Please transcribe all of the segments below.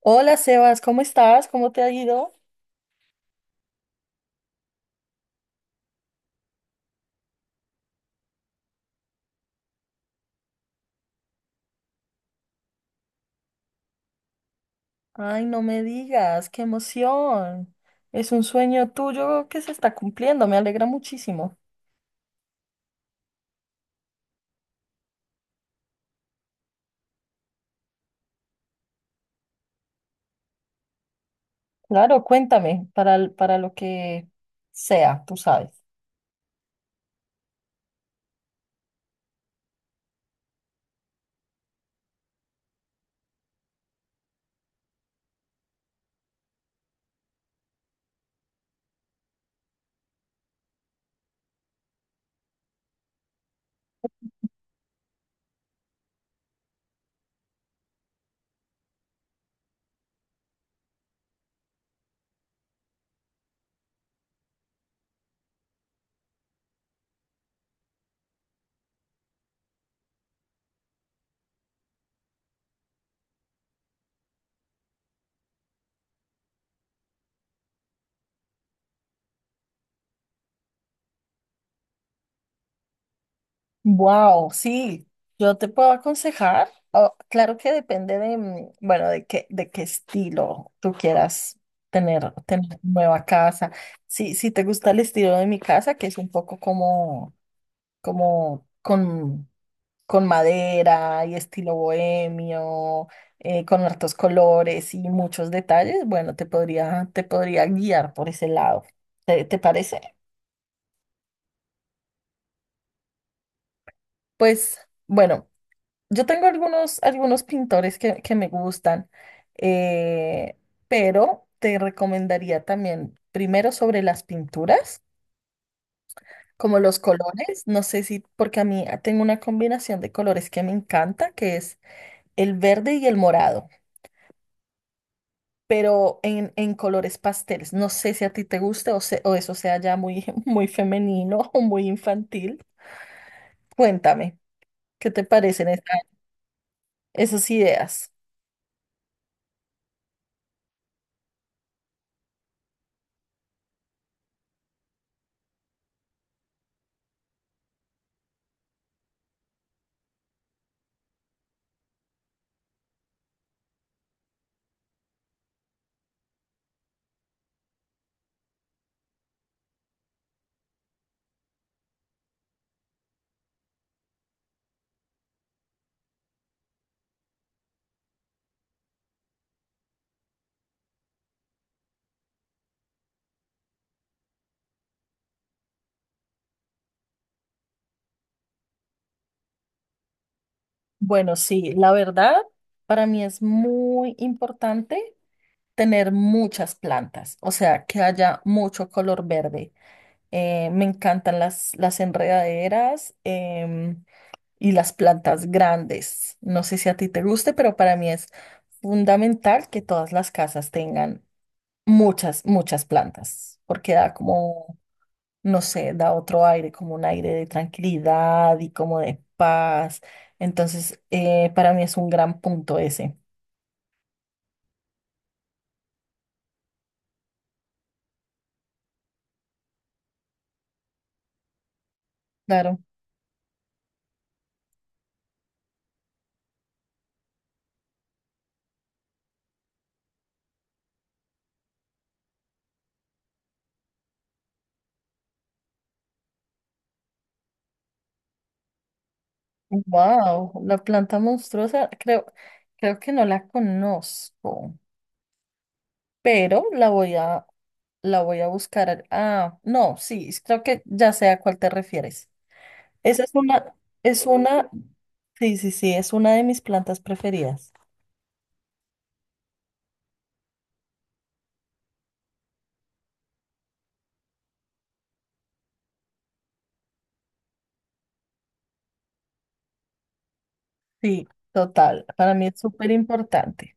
Hola Sebas, ¿cómo estás? ¿Cómo te ha ido? Ay, no me digas, qué emoción. Es un sueño tuyo que se está cumpliendo, me alegra muchísimo. Claro, cuéntame, para lo que sea, tú sabes. Wow, sí, yo te puedo aconsejar. Oh, claro que depende de, bueno, de qué estilo tú quieras tener nueva casa. Sí, si te gusta el estilo de mi casa, que es un poco como con madera y estilo bohemio, con hartos colores y muchos detalles, bueno, te podría guiar por ese lado. Te parece? Pues bueno, yo tengo algunos pintores que me gustan, eh, pero te recomendaría también primero sobre las pinturas, como los colores, no sé si, porque a mí tengo una combinación de colores que me encanta, que es el verde y el morado. Pero en colores pasteles. No sé si a ti te guste o, o eso sea ya muy, muy femenino o muy infantil. Cuéntame, ¿qué te parecen esas ideas? Bueno, sí, la verdad, para mí es muy importante tener muchas plantas, o sea, que haya mucho color verde. Me encantan las enredaderas em, y las plantas grandes. No sé si a ti te guste, pero para mí es fundamental que todas las casas tengan muchas plantas, porque da como, no sé, da otro aire, como un aire de tranquilidad y como de paz. Entonces, para mí es un gran punto ese. Claro. Wow, la planta monstruosa, creo que no la conozco, pero la voy a buscar. Ah, no, sí, creo que ya sé a cuál te refieres. Esa es una, es una, sí, sí, sí, es una de mis plantas preferidas. Sí, total. Para mí es súper importante.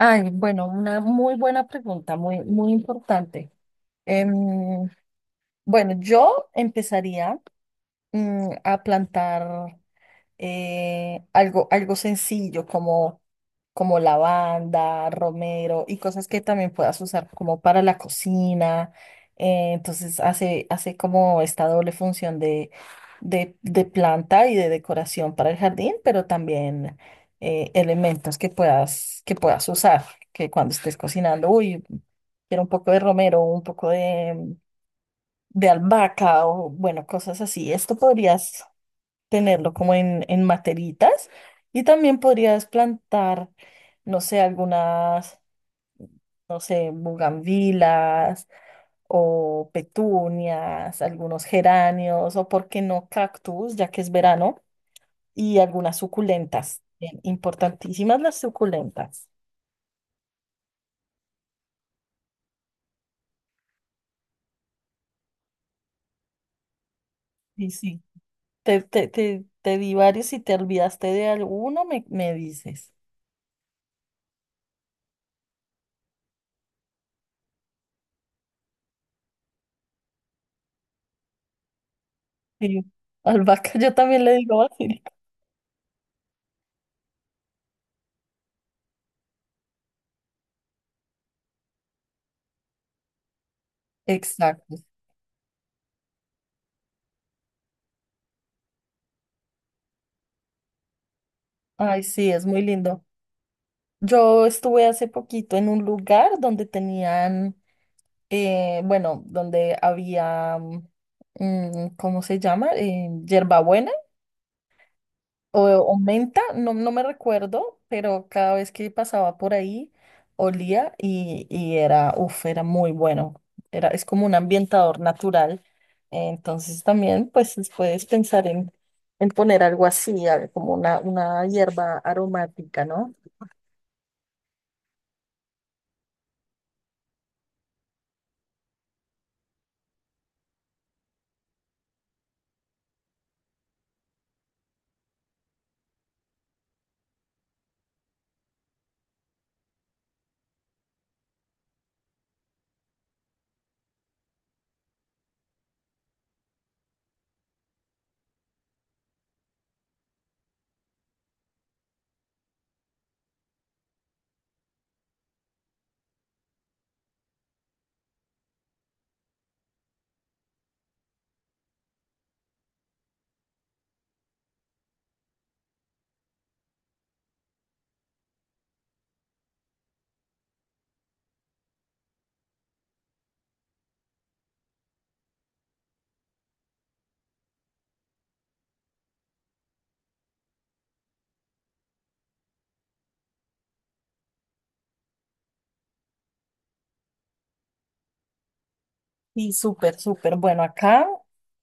Ay, bueno, una muy buena pregunta, muy, muy importante. Em, bueno, yo empezaría a plantar. Eh, algo sencillo como lavanda, romero y cosas que también puedas usar como para la cocina. Entonces hace como esta doble función de planta y de decoración para el jardín, pero también elementos que puedas usar, que cuando estés cocinando, uy, quiero un poco de romero, un poco de albahaca o bueno, cosas así. Esto podrías tenerlo como en materitas y también podrías plantar, no sé, algunas, no sé, bugambilas o petunias, algunos geranios o, por qué no, cactus, ya que es verano, y algunas suculentas. Bien, importantísimas las suculentas. Sí, sí. Te di varios y te olvidaste de alguno, me dices. Sí. Albahaca, yo también le digo basilico. Exacto. Ay, sí, es muy lindo. Yo estuve hace poquito en un lugar donde tenían, bueno, donde había, mm, ¿cómo se llama? Hierbabuena o menta, no, no me recuerdo, pero cada vez que pasaba por ahí olía y era, uff, era muy bueno. Era, es como un ambientador natural. Entonces también, pues, puedes pensar en poner algo así, como una hierba aromática, ¿no? Y súper, súper. Bueno, acá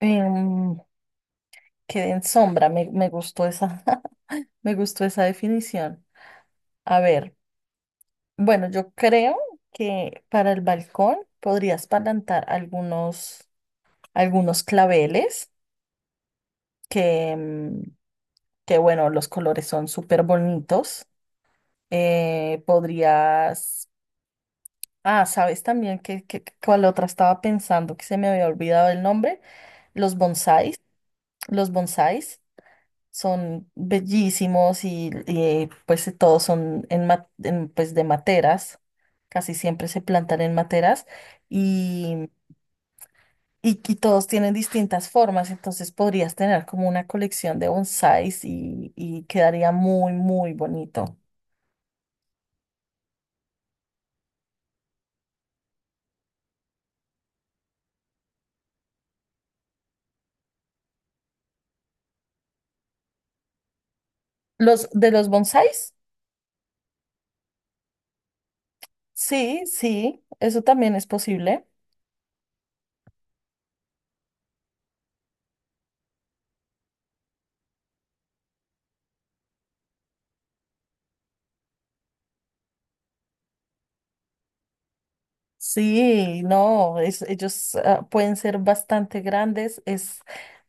em, quedé en sombra. Me gustó esa, me gustó esa definición. A ver, bueno, yo creo que para el balcón podrías plantar algunos claveles que, que bueno, los colores son súper bonitos. Podrías, ah, sabes también cuál otra estaba pensando que se me había olvidado el nombre, los bonsáis. Los bonsáis son bellísimos y, pues todos son en, pues de materas, casi siempre se plantan en materas y, y todos tienen distintas formas, entonces podrías tener como una colección de bonsáis y quedaría muy, muy bonito. Los de los bonsáis, sí, sí, eso también es posible. Sí, no, es- ellos ah, pueden ser bastante grandes, es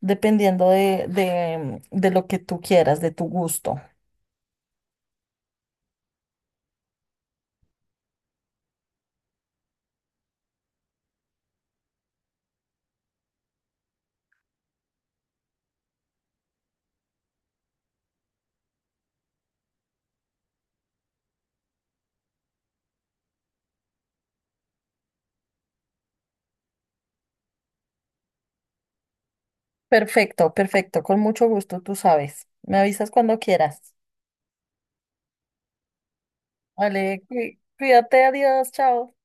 dependiendo de lo que tú quieras, de tu gusto. Perfecto, perfecto, con mucho gusto, tú sabes. Me avisas cuando quieras. Vale, cuídate, adiós, chao.